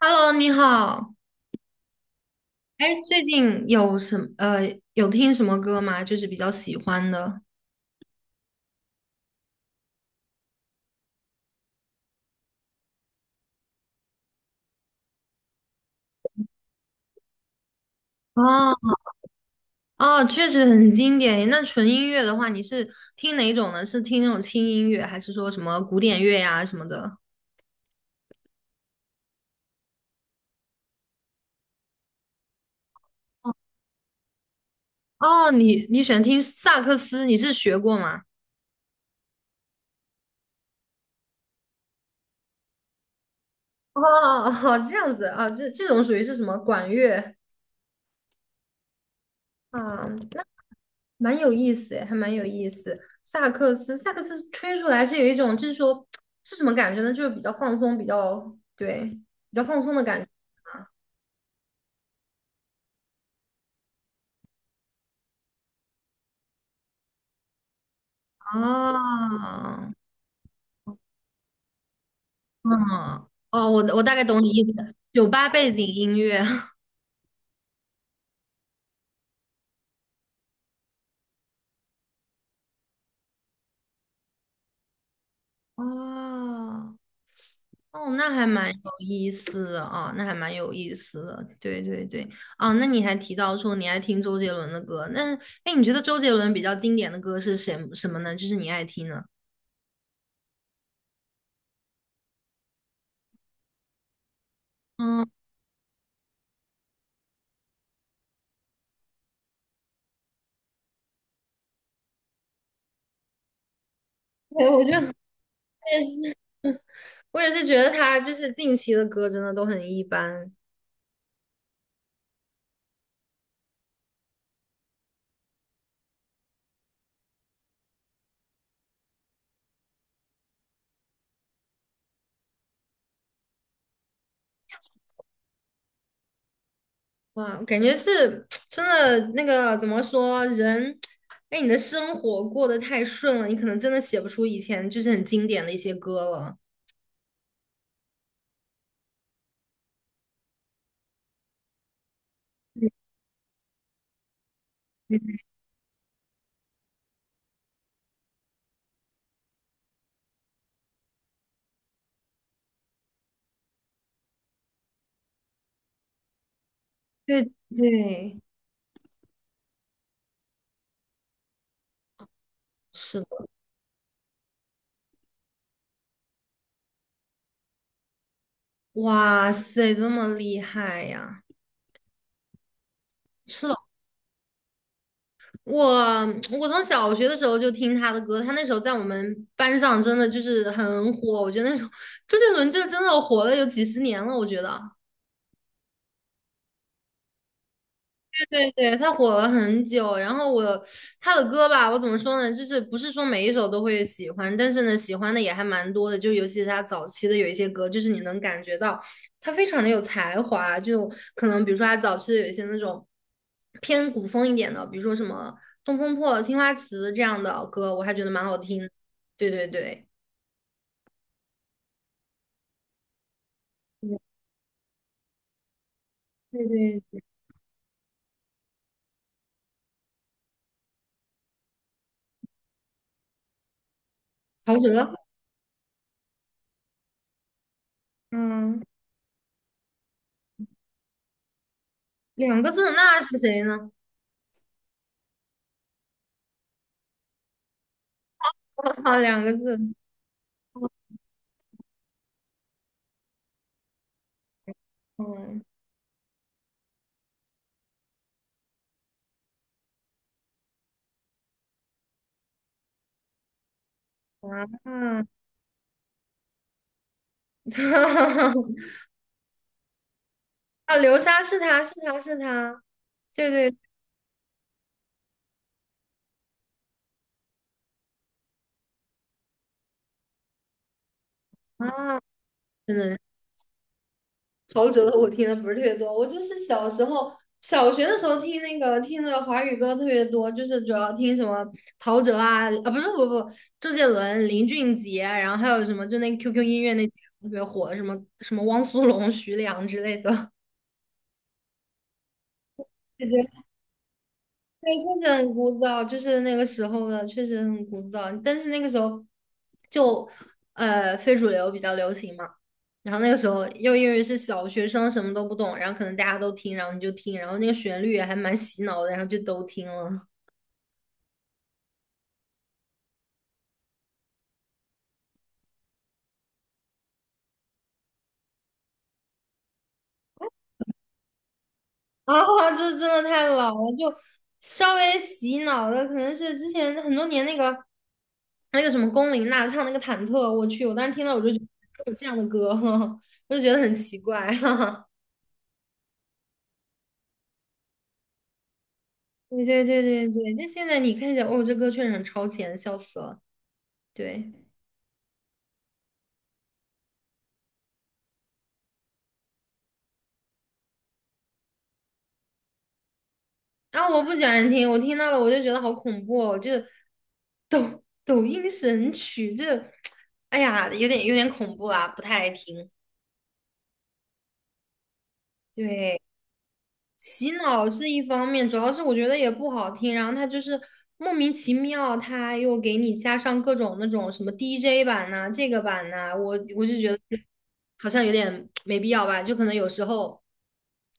Hello，你好。哎，最近有什么有听什么歌吗？就是比较喜欢的。哦哦，确实很经典。那纯音乐的话，你是听哪种呢？是听那种轻音乐，还是说什么古典乐呀、什么的？哦，你喜欢听萨克斯，你是学过吗？哦哦，这样子啊，这种属于是什么管乐啊？蛮有意思诶，还蛮有意思。萨克斯吹出来是有一种，就是说是什么感觉呢？就是比较放松，比较对，比较放松的感觉。啊，嗯，哦，我大概懂你意思了，酒吧背景音乐。哦，哦，那还蛮有意思的啊，那还蛮有意思的，对对对。啊，那你还提到说你爱听周杰伦的歌，那哎，你觉得周杰伦比较经典的歌是什么呢？就是你爱听的。嗯，对，我觉得也是。我也是觉得他就是近期的歌真的都很一般。哇，感觉是 真的那个怎么说人，哎，你的生活过得太顺了，你可能真的写不出以前就是很经典的一些歌了。嗯，对对，是的。哇塞，这么厉害呀！是的，我我从小学的时候就听他的歌，他那时候在我们班上真的就是很火，我觉得那时候周杰伦就 真的火了有几十年了，我觉得。对对，他火了很久，然后我他的歌吧，我怎么说呢？就是不是说每一首都会喜欢，但是呢，喜欢的也还蛮多的。就尤其是他早期的有一些歌，就是你能感觉到他非常的有才华。就可能比如说他早期的有一些那种偏古风一点的，比如说什么《东风破》《青花瓷》这样的歌，我还觉得蛮好听的。对对对，嗯，对对。陶喆？嗯，两个字，那是谁呢？两个字，嗯，啊。啊，流沙是他是他是他，对对啊，真的。陶喆的我听的不是特别多，我就是小学的时候听那个听的华语歌特别多，就是主要听什么陶喆啊啊不是不不周杰伦、林俊杰，然后还有什么就那 QQ 音乐那几个特别火的什么汪苏泷、徐良之类的。对，确实很枯燥，就是那个时候的，确实很枯燥。但是那个时候就非主流比较流行嘛，然后那个时候又因为是小学生，什么都不懂，然后可能大家都听，然后你就听，然后那个旋律也还蛮洗脑的，然后就都听了。啊，这真的太老了，就稍微洗脑的，可能是之前很多年那个什么龚琳娜唱那个忐忑，我去，我当时听到我就觉得有这样的歌，我就觉得很奇怪，哈哈。对对对对对，就现在你看一下，哦，这歌确实很超前，笑死了。对。啊，我不喜欢听，我听到了我就觉得好恐怖哦，就抖音神曲，这，哎呀，有点恐怖啦，不太爱听。对。洗脑是一方面，主要是我觉得也不好听，然后他就是莫名其妙，他又给你加上各种那种什么 DJ 版呐、这个版呐、我就觉得好像有点没必要吧，就可能有时候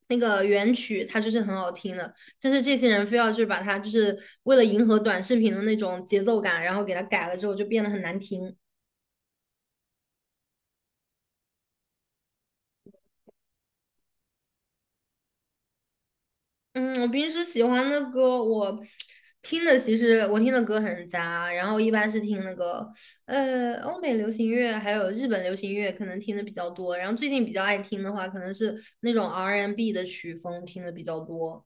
那个原曲它就是很好听的，但是这些人非要就是把它就是为了迎合短视频的那种节奏感，然后给它改了之后就变得很难听。嗯，我平时喜欢的歌，我听的其实我听的歌很杂，然后一般是听那个欧美流行乐，还有日本流行乐，可能听的比较多。然后最近比较爱听的话，可能是那种 R&B 的曲风听的比较多。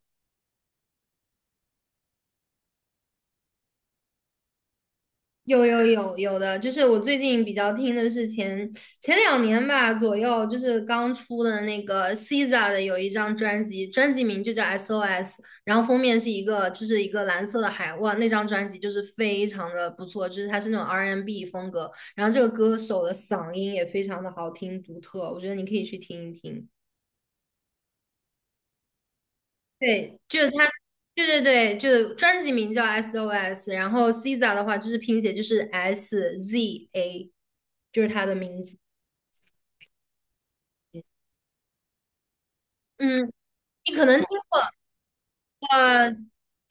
有有有有的，就是我最近比较听的是前两年吧左右，就是刚出的那个 SZA 的有一张专辑，专辑名就叫 SOS,然后封面是一个蓝色的海，哇，那张专辑就是非常的不错，就是它是那种 R&B n 风格，然后这个歌手的嗓音也非常的好听独特，我觉得你可以去听一听。对，就是它，对对对，就是专辑名叫 SOS,然后 SZA 的话就是拼写就是 S Z A,就是它的名字。嗯，你可能听过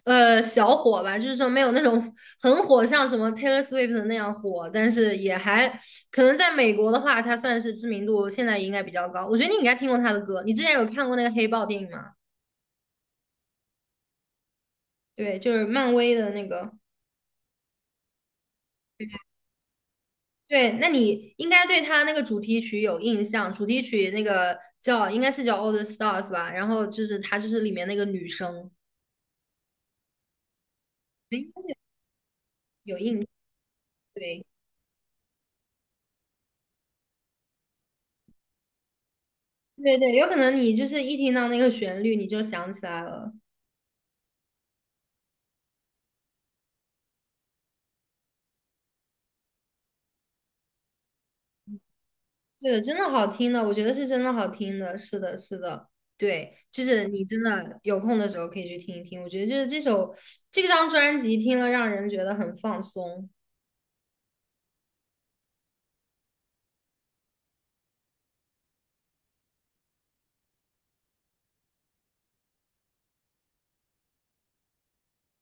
小火吧，就是说没有那种很火，像什么 Taylor Swift 那样火，但是也还可能在美国的话，它算是知名度现在也应该比较高。我觉得你应该听过他的歌，你之前有看过那个黑豹电影吗？对，就是漫威的那个。对，那你应该对他那个主题曲有印象，主题曲那个叫应该是叫《All the Stars》吧，然后就是他就是里面那个女生，诶有印，对对对，有可能你就是一听到那个旋律你就想起来了，对的，真的好听的，我觉得是真的好听的，是的，是的，对，就是你真的有空的时候可以去听一听，我觉得就是这张专辑听了让人觉得很放松。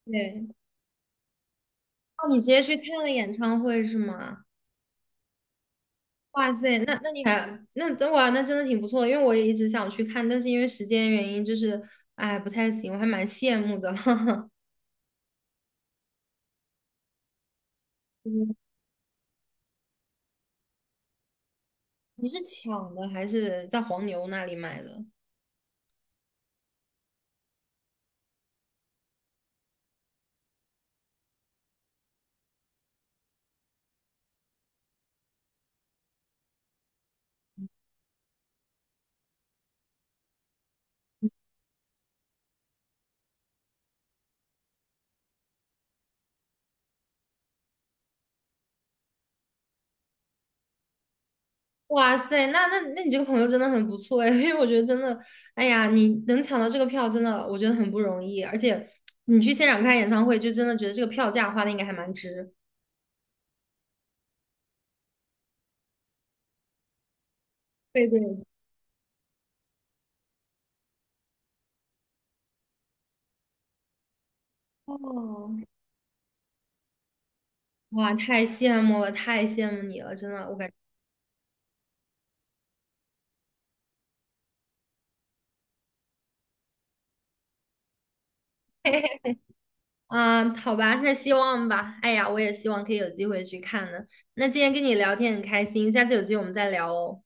对。哦，你直接去看了演唱会是吗？哇塞，那你还那等哇，那真的挺不错的，因为我也一直想去看，但是因为时间原因，就是哎不太行，我还蛮羡慕的。嗯，你是抢的还是在黄牛那里买的？哇塞，那你这个朋友真的很不错哎，因为我觉得真的，哎呀，你能抢到这个票，真的我觉得很不容易，而且你去现场看演唱会，就真的觉得这个票价花的应该还蛮值。对对，哦，哇，太羡慕了，太羡慕你了，真的，我感。嗯，好吧，那希望吧。哎呀，我也希望可以有机会去看呢。那今天跟你聊天很开心，下次有机会我们再聊哦。